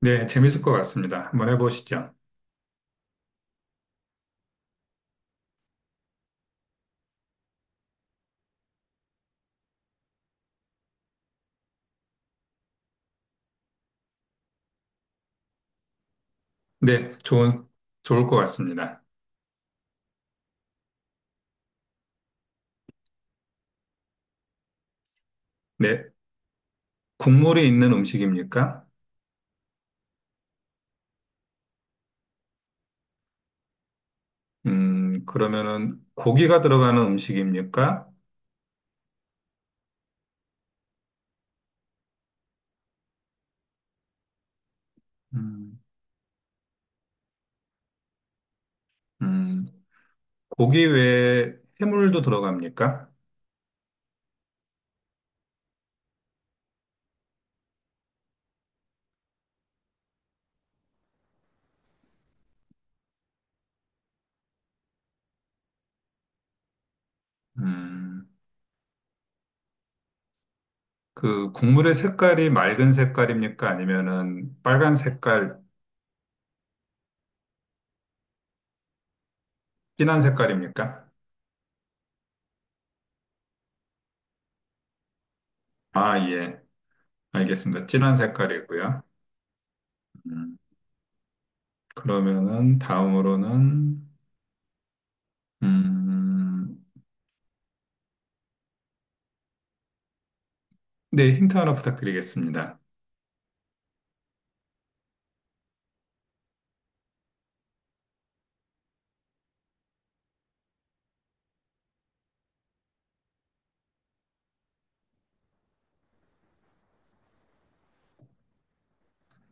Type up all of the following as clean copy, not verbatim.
네, 재밌을 것 같습니다. 한번 해보시죠. 네, 좋을 것 같습니다. 네, 국물이 있는 음식입니까? 그러면은 고기가 들어가는 음식입니까? 음, 음, 고기 외에 해물도 들어갑니까? 음, 그 국물의 색깔이 맑은 색깔입니까? 아니면은 빨간 색깔, 진한 색깔입니까? 아, 예, 알겠습니다. 진한 색깔이고요. 음, 그러면은 다음으로는 음, 네, 힌트 하나 부탁드리겠습니다.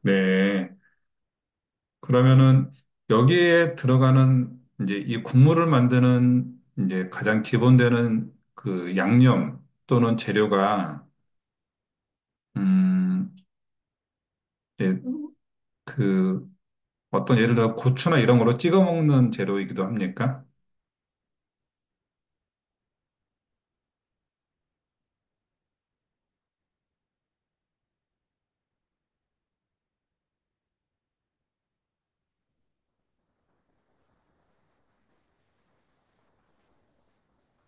네. 그러면은 여기에 들어가는 이제 이 국물을 만드는 이제 가장 기본되는 그 양념 또는 재료가 음, 이제 그 어떤 예를 들어 고추나 이런 거로 찍어 먹는 재료이기도 합니까?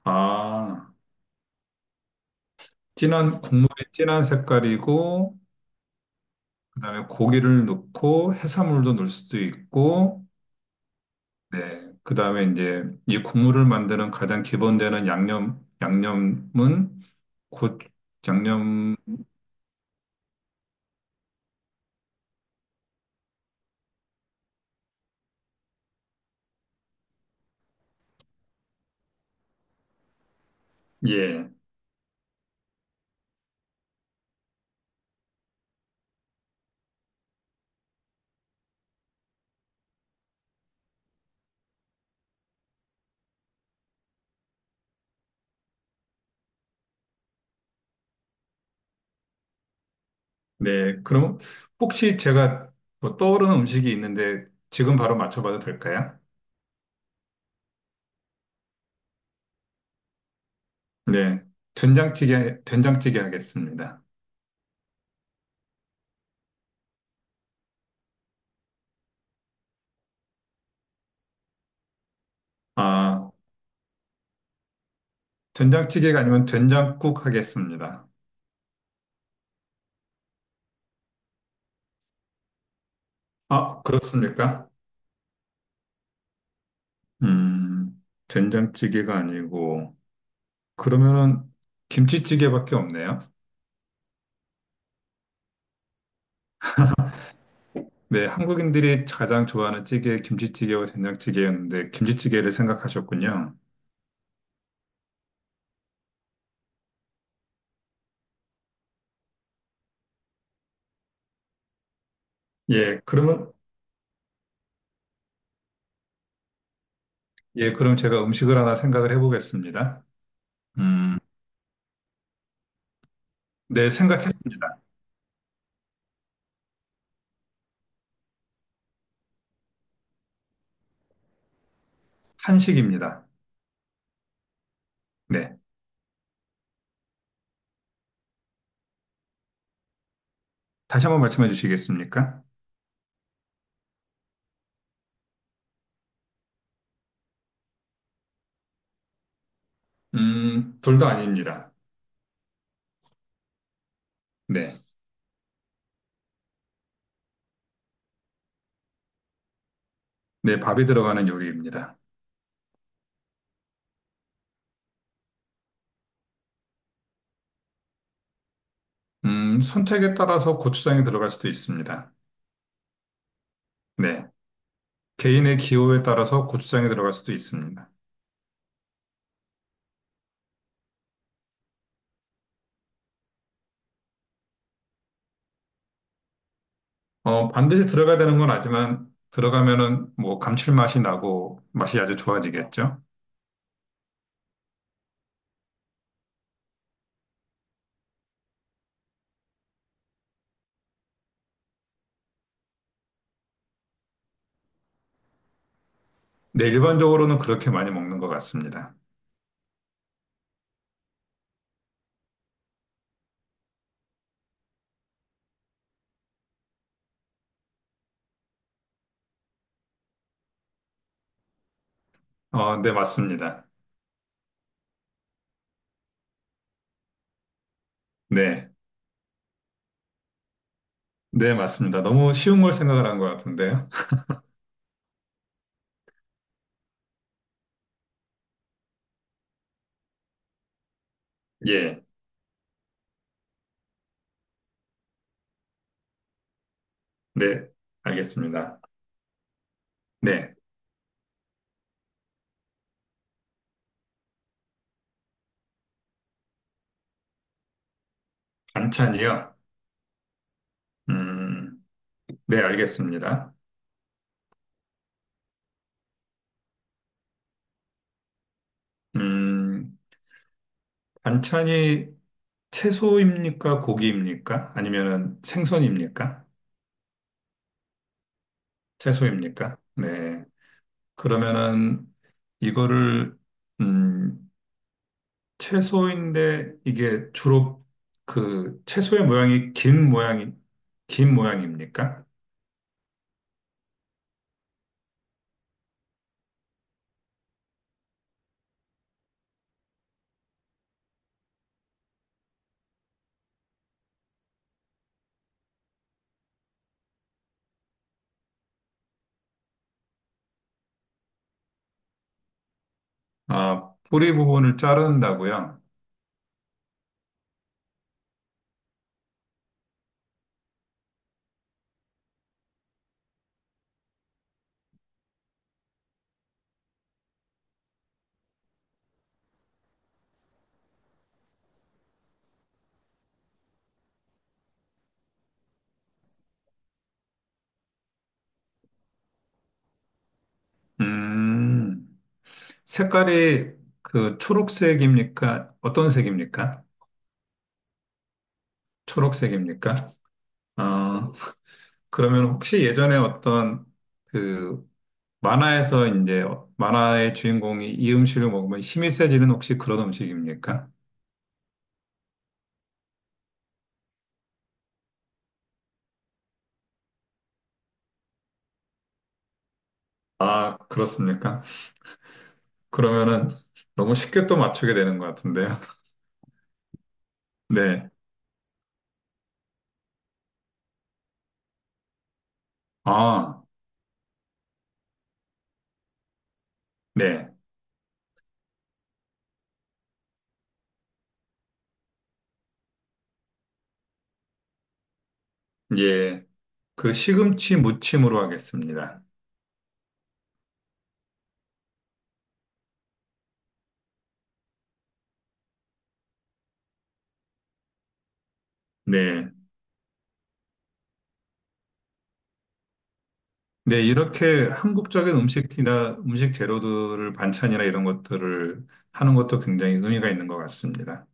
아, 진한 국물이 진한 색깔이고 그다음에 고기를 넣고 해산물도 넣을 수도 있고 네. 그 다음에 이제 이 국물을 만드는 가장 기본되는 양념, 양념은 곧 양념, 예. 네. 그럼 혹시 제가 뭐 떠오르는 음식이 있는데 지금 바로 맞춰봐도 될까요? 네. 된장찌개, 된장찌개 하겠습니다. 아, 된장찌개가 아니면 된장국 하겠습니다. 아, 그렇습니까? 음, 된장찌개가 아니고, 그러면은 김치찌개밖에 없네요. 네, 한국인들이 가장 좋아하는 찌개 김치찌개와 된장찌개였는데 김치찌개를 생각하셨군요. 예, 그러면 예, 그럼 제가 음식을 하나 생각을 해보겠습니다. 음, 네, 생각했습니다. 한식입니다. 네, 다시 한번 말씀해 주시겠습니까? 둘도 아닙니다. 네, 네, 밥이 들어가는 요리입니다. 선택에 따라서 고추장이 들어갈 수도 있습니다. 네, 개인의 기호에 따라서 고추장이 들어갈 수도 있습니다. 어, 반드시 들어가야 되는 건 아니지만 들어가면은 뭐 감칠맛이 나고 맛이 아주 좋아지겠죠. 네, 일반적으로는 그렇게 많이 먹는 것 같습니다. 어, 네, 맞습니다. 네, 네, 맞습니다. 너무 쉬운 걸 생각을 한 것 같은데요. 예, 네, 알겠습니다. 네, 반찬이요. 음, 네, 알겠습니다. 음, 반찬이 채소입니까? 고기입니까? 아니면은 생선입니까? 채소입니까? 네. 그러면은 이거를 음, 채소인데 이게 주로 그 채소의 모양이 긴 모양입니까? 아, 뿌리 부분을 자른다고요? 음, 색깔이 그 초록색입니까? 어떤 색입니까? 초록색입니까? 어, 그러면 혹시 예전에 어떤 그 만화에서 이제 만화의 주인공이 이 음식을 먹으면 힘이 세지는 혹시 그런 음식입니까? 아, 그렇습니까? 그러면은 너무 쉽게 또 맞추게 되는 것 같은데요. 네. 아, 네. 예. 그 시금치 무침으로 하겠습니다. 네. 네, 이렇게 한국적인 음식이나 음식 재료들을 반찬이나 이런 것들을 하는 것도 굉장히 의미가 있는 것 같습니다.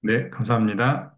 네, 감사합니다.